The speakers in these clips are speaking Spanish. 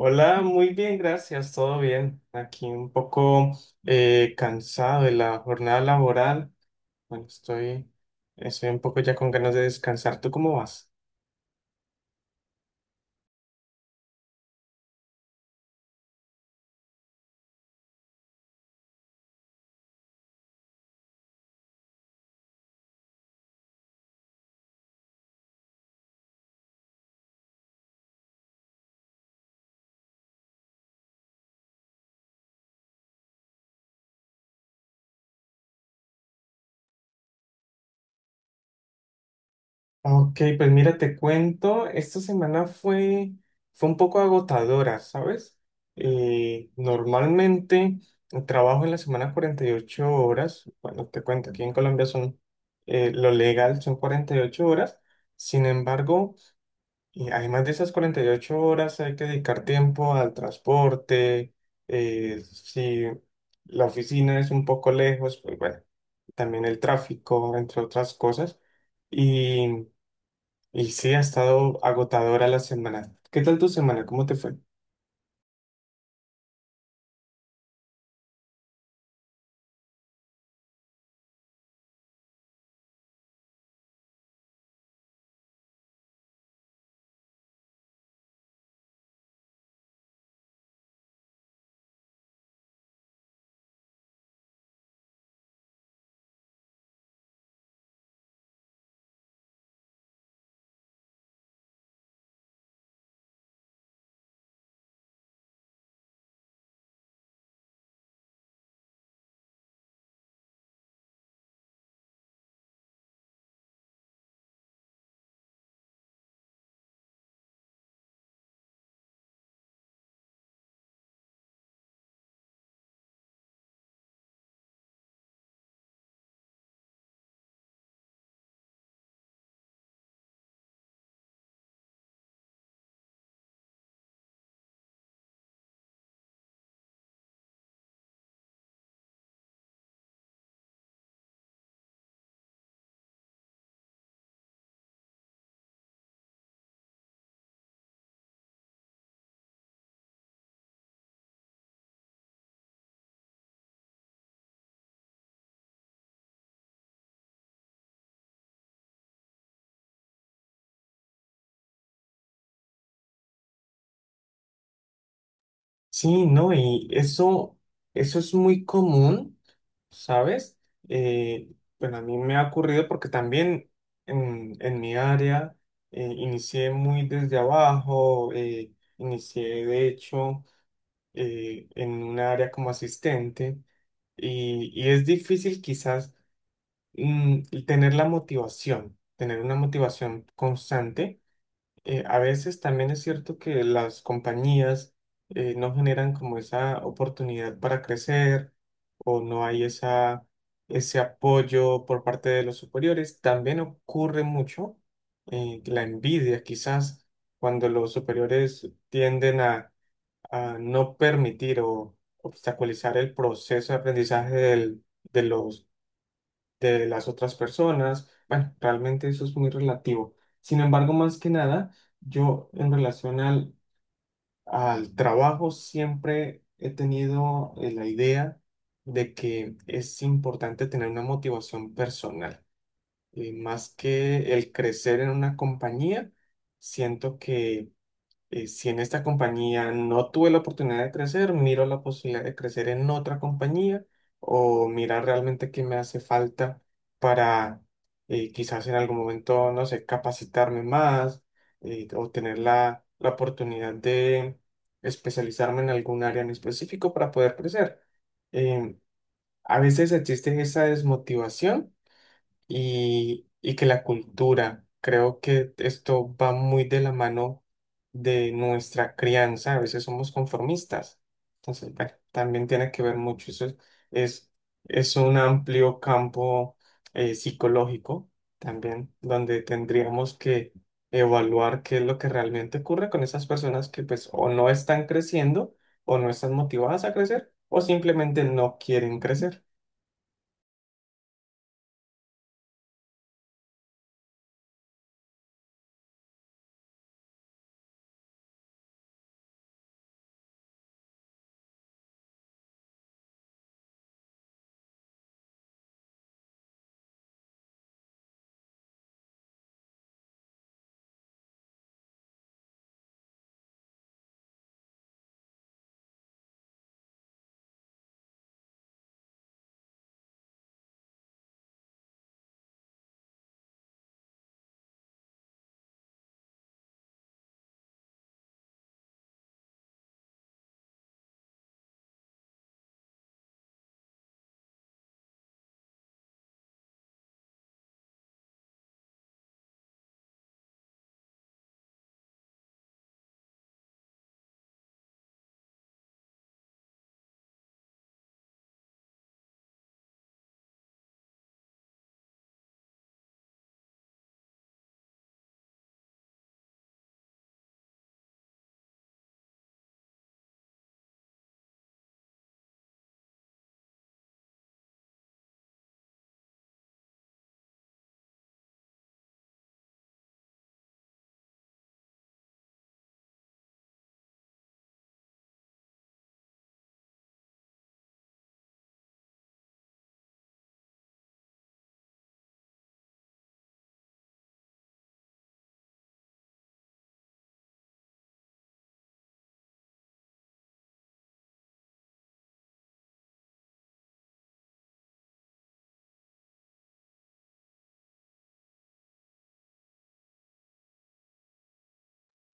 Hola, muy bien, gracias, todo bien. Aquí un poco cansado de la jornada laboral. Bueno, estoy un poco ya con ganas de descansar. ¿Tú cómo vas? Ok, pues mira, te cuento, fue un poco agotadora, ¿sabes? Normalmente trabajo en la semana 48 horas. Bueno, te cuento, aquí en Colombia son, lo legal son 48 horas. Sin embargo, y además de esas 48 horas hay que dedicar tiempo al transporte, si la oficina es un poco lejos, pues bueno, también el tráfico, entre otras cosas. Y, y sí, ha estado agotadora la semana. ¿Qué tal tu semana? ¿Cómo te fue? Sí, no, y eso es muy común. ¿Sabes? Eh, bueno, a mí me ha ocurrido porque también en mi área inicié muy desde abajo, inicié de hecho en un área como asistente y es difícil quizás tener la motivación, tener una motivación constante a veces también es cierto que las compañías no generan como esa oportunidad para crecer o no hay ese apoyo por parte de los superiores. También ocurre mucho la envidia, quizás cuando los superiores tienden a no permitir o obstaculizar el proceso de aprendizaje de los de las otras personas. Bueno, realmente eso es muy relativo. Sin embargo, más que nada, yo en relación al trabajo siempre he tenido la idea de que es importante tener una motivación personal. Más que el crecer en una compañía, siento que si en esta compañía no tuve la oportunidad de crecer, miro la posibilidad de crecer en otra compañía o mirar realmente qué me hace falta para quizás en algún momento, no sé, capacitarme más o tener la oportunidad de especializarme en algún área en específico para poder crecer. Em, a veces existe esa desmotivación y que la cultura. Creo que esto va muy de la mano de nuestra crianza. A veces somos conformistas. Entonces, bueno, también tiene que ver mucho. Es, es un amplio campo psicológico también, donde tendríamos que evaluar qué es lo que realmente ocurre con esas personas que pues o no están creciendo o no están motivadas a crecer o simplemente no quieren crecer.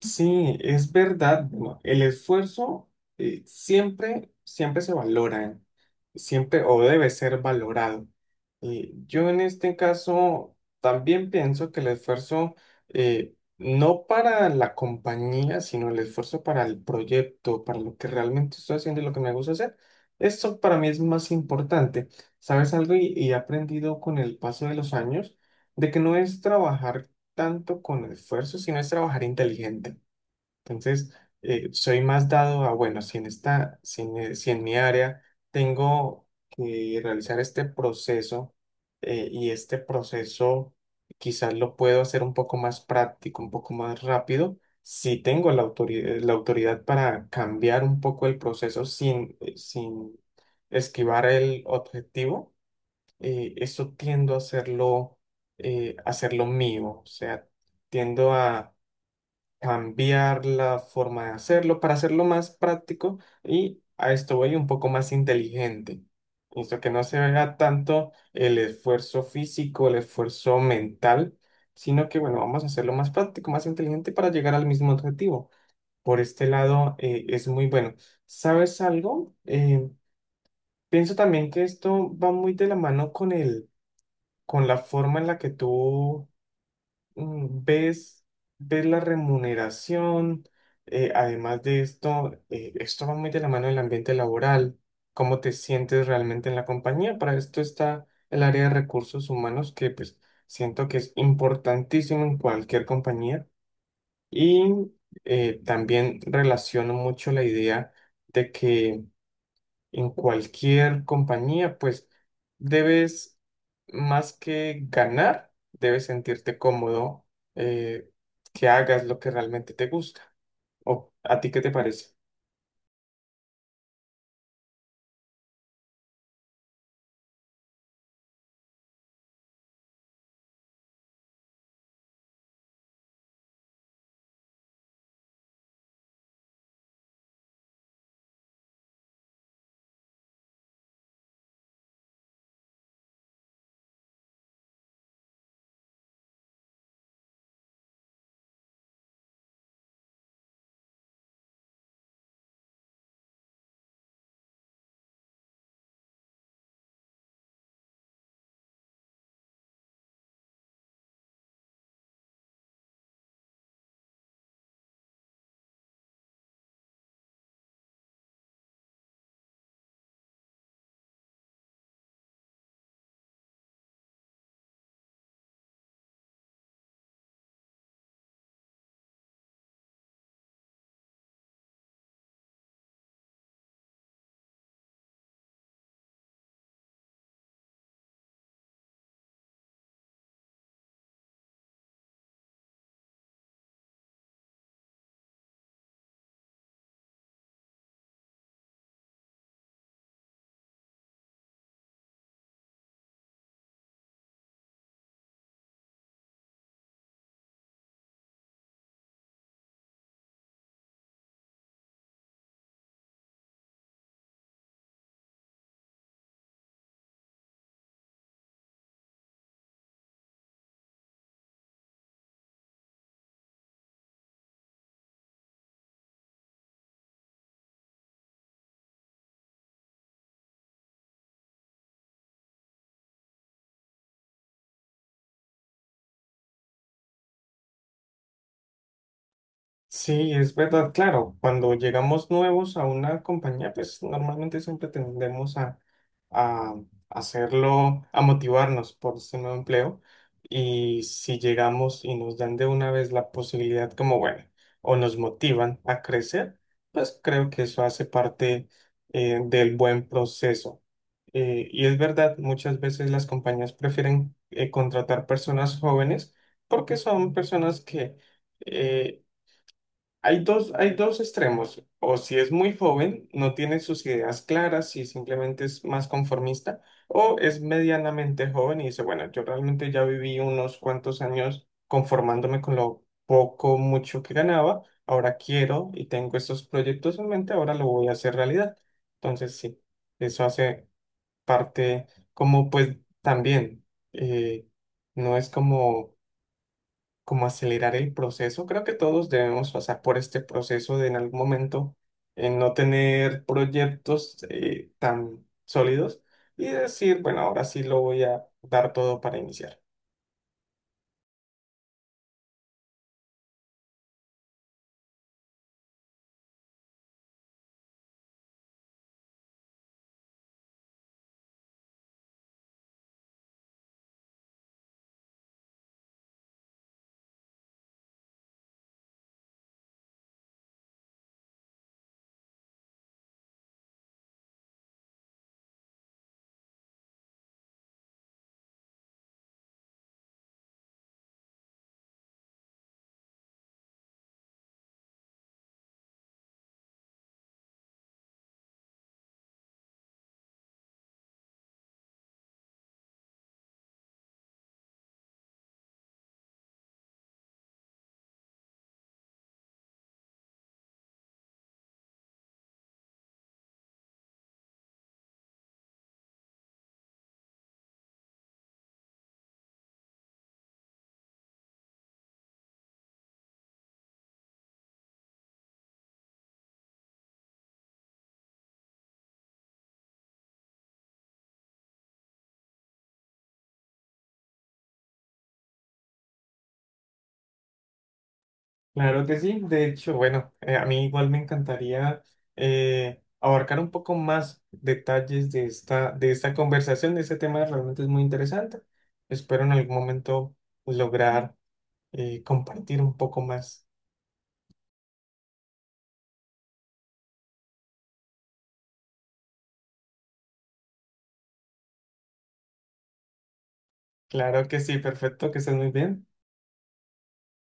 Sí, es verdad. Bueno, el esfuerzo siempre se valora, siempre o debe ser valorado. Y yo en este caso también pienso que el esfuerzo no para la compañía, sino el esfuerzo para el proyecto, para lo que realmente estoy haciendo y lo que me gusta hacer, esto para mí es más importante. ¿Sabes algo? Y he aprendido con el paso de los años de que no es trabajar tanto con esfuerzo, sino es trabajar inteligente. Entonces, soy más dado a, bueno, si en esta, si en, si en mi área tengo que realizar este proceso y este proceso quizás lo puedo hacer un poco más práctico, un poco más rápido, si tengo la autoridad para cambiar un poco el proceso sin esquivar el objetivo, eso tiendo a hacerlo, hacerlo mío, o sea, tiendo a cambiar la forma de hacerlo para hacerlo más práctico y a esto voy un poco más inteligente. Listo, que no se vea tanto el esfuerzo físico, el esfuerzo mental, sino que, bueno, vamos a hacerlo más práctico, más inteligente para llegar al mismo objetivo. Por este lado, es muy bueno. ¿Sabes algo? Pienso también que esto va muy de la mano con la forma en la que tú mm, ves, ves la remuneración, esto va muy de la mano del ambiente laboral, cómo te sientes realmente en la compañía. Para esto está el área de recursos humanos, que pues siento que es importantísimo en cualquier compañía. Y también relaciono mucho la idea de que en cualquier compañía, pues debes más que ganar, debes sentirte cómodo, eh, que hagas lo que realmente te gusta. ¿O a ti qué te parece? Sí, es verdad, claro, cuando llegamos nuevos a una compañía, pues normalmente siempre tendemos a hacerlo, a motivarnos por ese nuevo empleo. Y si llegamos y nos dan de una vez la posibilidad como, bueno, o nos motivan a crecer, pues creo que eso hace parte del buen proceso. Y es verdad, muchas veces las compañías prefieren contratar personas jóvenes porque son personas que eh, hay dos extremos. O si es muy joven, no tiene sus ideas claras y simplemente es más conformista, o es medianamente joven y dice, bueno, yo realmente ya viví unos cuantos años conformándome con lo poco, mucho que ganaba, ahora quiero y tengo estos proyectos en mente, ahora lo voy a hacer realidad. Entonces, sí, eso hace parte como pues también, eh, no es como como acelerar el proceso. Creo que todos debemos pasar por este proceso de en algún momento no tener proyectos tan sólidos y decir, bueno, ahora sí lo voy a dar todo para iniciar. Claro que sí, de hecho, bueno, a mí igual me encantaría abarcar un poco más detalles de esta conversación, de este tema realmente es muy interesante. Espero en algún momento lograr compartir un poco más. Claro que sí, perfecto, que estés muy bien.